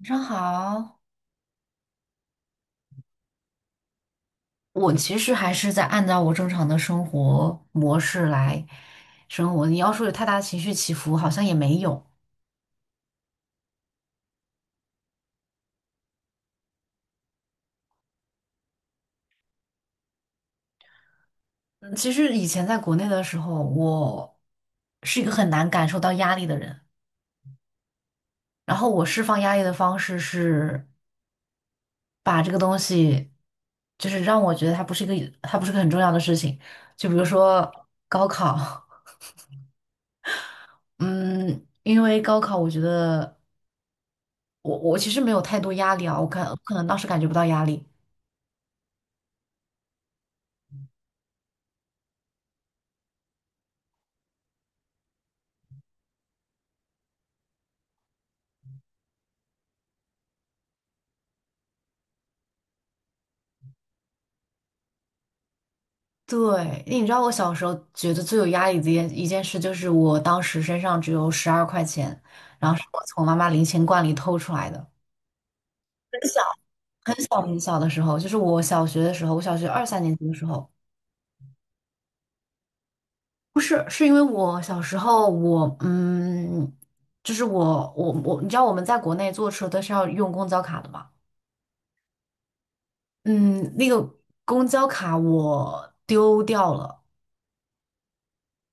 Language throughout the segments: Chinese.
晚上好，我其实还是在按照我正常的生活模式来生活。你要说有太大的情绪起伏，好像也没有。嗯，其实以前在国内的时候，我是一个很难感受到压力的人。然后我释放压力的方式是把这个东西，就是让我觉得它不是个很重要的事情。就比如说高考，嗯，因为高考，我觉得我其实没有太多压力啊，我可能当时感觉不到压力。对，你知道我小时候觉得最有压力的一件事，就是我当时身上只有十二块钱，然后是我从妈妈零钱罐里偷出来的。很小，很小很小的时候，就是我小学的时候，我小学二三年级的时候，不是，是因为我小时候我就是我你知道我们在国内坐车都是要用公交卡的嘛。嗯，那个公交卡我丢掉了，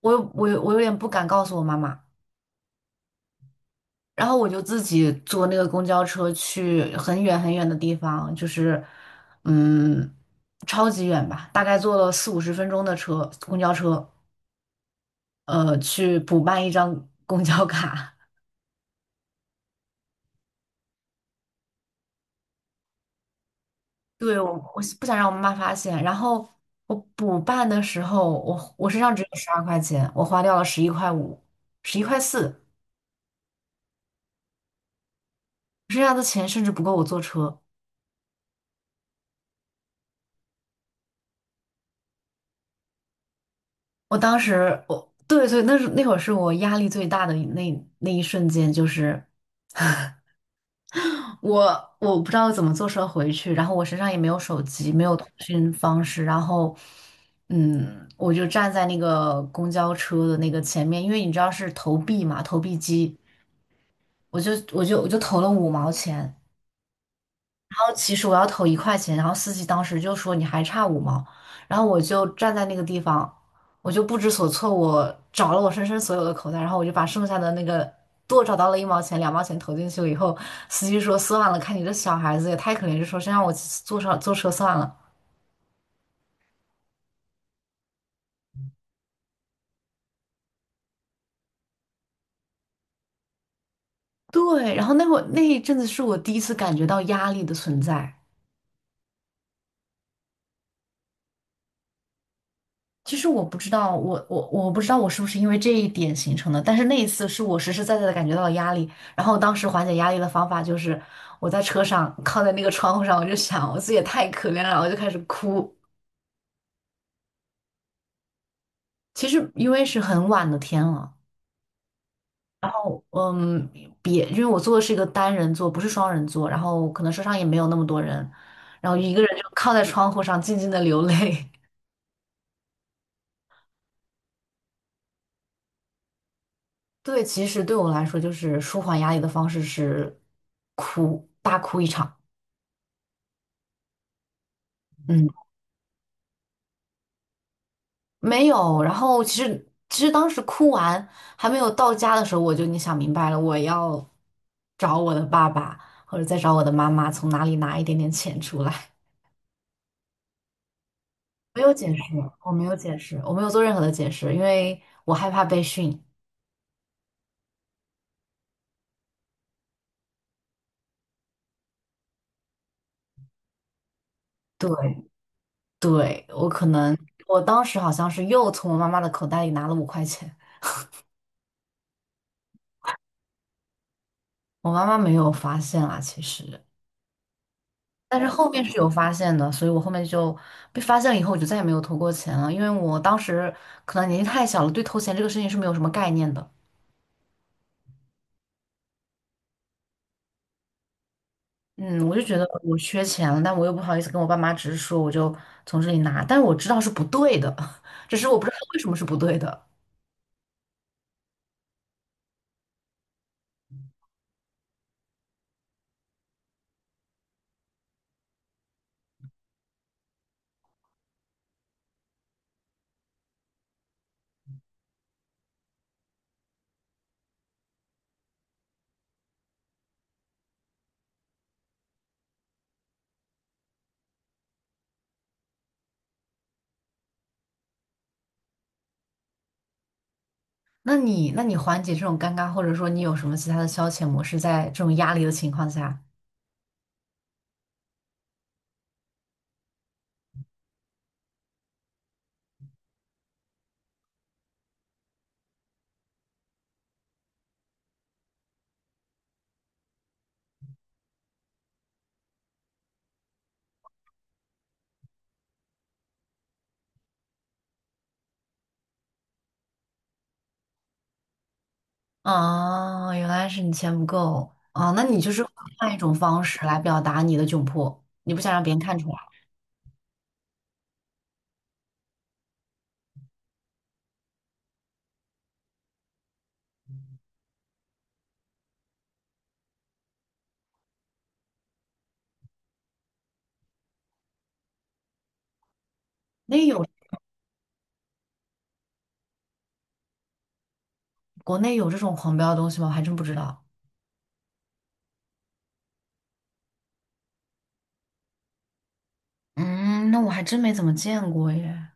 我有点不敢告诉我妈妈。然后我就自己坐那个公交车去很远很远的地方，就是嗯，超级远吧，大概坐了四五十分钟的车，公交车，去补办一张 公交卡。对，我不想让我妈妈发现。然后我补办的时候，我身上只有十二块钱，我花掉了11块5，11块4，剩下的钱甚至不够我坐车。我当时我对，对，那是那会儿是我压力最大的那一瞬间，就是我不知道怎么坐车回去，然后我身上也没有手机，没有通讯方式，然后，我就站在那个公交车的那个前面，因为你知道是投币嘛，投币机，我就投了5毛钱，然后其实我要投1块钱，然后司机当时就说你还差五毛，然后我就站在那个地方，我就不知所措，我找了我身上所有的口袋，然后我就把剩下的那个多找到了1毛钱、2毛钱投进去了以后，司机说算了，看你这小孩子也太可怜，就说先让我坐车算了。对，然后那一阵子是我第一次感觉到压力的存在。其实我不知道，我不知道我是不是因为这一点形成的，但是那一次是我实实在在的感觉到了压力，然后当时缓解压力的方法就是我在车上靠在那个窗户上，我就想我自己也太可怜了，我就开始哭。其实因为是很晚的天了，嗯，别，因为我坐的是一个单人座，不是双人座，然后可能车上也没有那么多人，然后一个人就靠在窗户上静静的流泪。对，其实对我来说，就是舒缓压力的方式是哭，大哭一场。嗯。没有，然后其实当时哭完还没有到家的时候，我就已经想明白了，我要找我的爸爸或者再找我的妈妈，从哪里拿一点点钱出来。没有解释，我没有解释，我没有做任何的解释，因为我害怕被训。对，对，我可能我当时好像是又从我妈妈的口袋里拿了5块钱，我妈妈没有发现啊，其实。但是后面是有发现的，所以我后面就被发现了以后，我就再也没有偷过钱了，因为我当时可能年纪太小了，对偷钱这个事情是没有什么概念的。嗯，我就觉得我缺钱了，但我又不好意思跟我爸妈直说，我就从这里拿，但是我知道是不对的，只是我不知道为什么是不对的。那你缓解这种尴尬，或者说你有什么其他的消遣模式，在这种压力的情况下？啊，原来是你钱不够啊，那你就是换一种方式来表达你的窘迫，你不想让别人看出来。那有国内有这种狂飙的东西吗？我还真不知道。嗯，那我还真没怎么见过耶。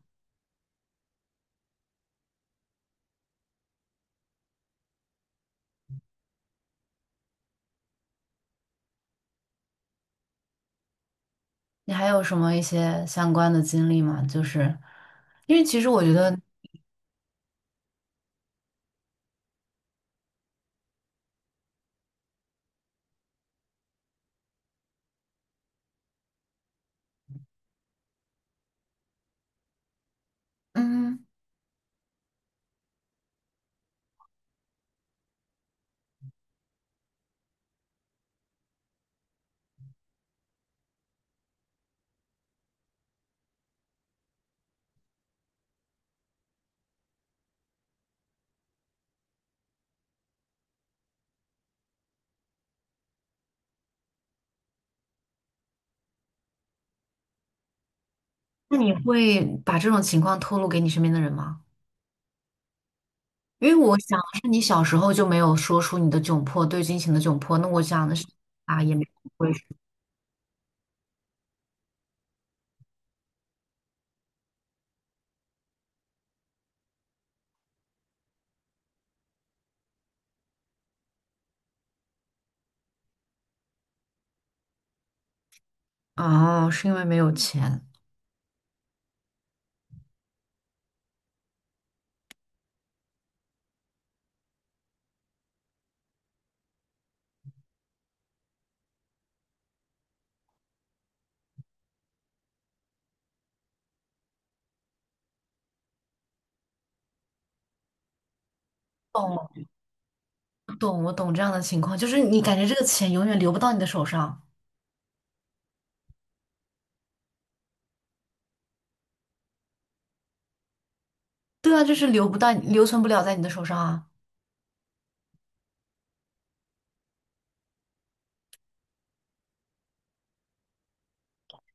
你还有什么一些相关的经历吗？就是因为其实我觉得，嗯，那你会把这种情况透露给你身边的人吗？因为我想的是你小时候就没有说出你的窘迫，对金钱的窘迫。那我想的是啊，也没有会哦，是因为没有钱。懂，我懂，我懂这样的情况，就是你感觉这个钱永远流不到你的手上。对啊，就是流不到，留存不了在你的手上啊。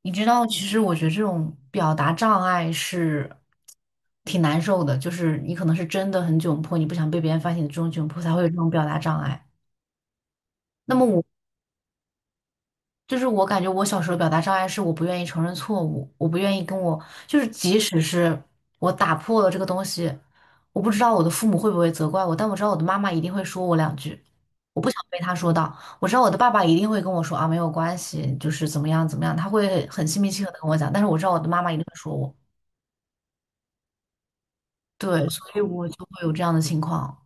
你知道，其实我觉得这种表达障碍是挺难受的，就是你可能是真的很窘迫，你不想被别人发现你这种窘迫，才会有这种表达障碍。那么我就是我感觉我小时候表达障碍是我不愿意承认错误，我不愿意跟我就是即使是我打破了这个东西，我不知道我的父母会不会责怪我，但我知道我的妈妈一定会说我两句，我不想被她说到。我知道我的爸爸一定会跟我说啊，没有关系，就是怎么样怎么样，他会很心平气和的跟我讲，但是我知道我的妈妈一定会说我。对，所以我就会有这样的情况。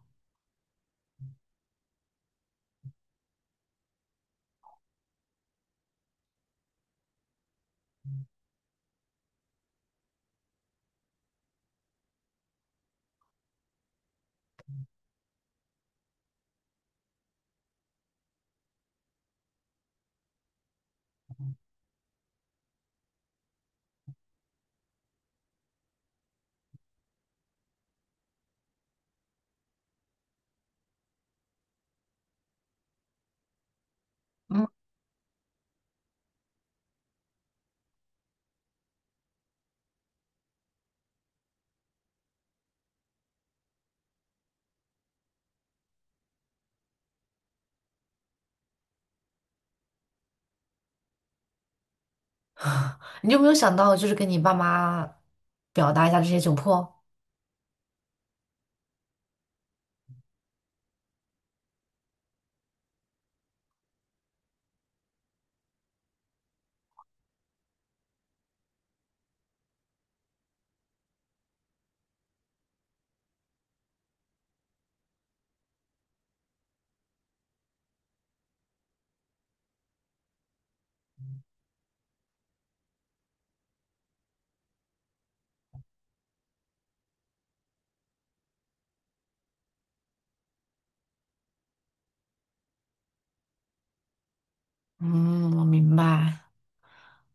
嗯，你有没有想到，就是跟你爸妈表达一下这些窘迫？嗯，我明白。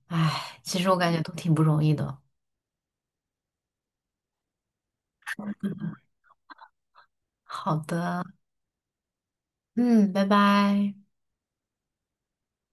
唉，其实我感觉都挺不容易的。好的，嗯，拜拜。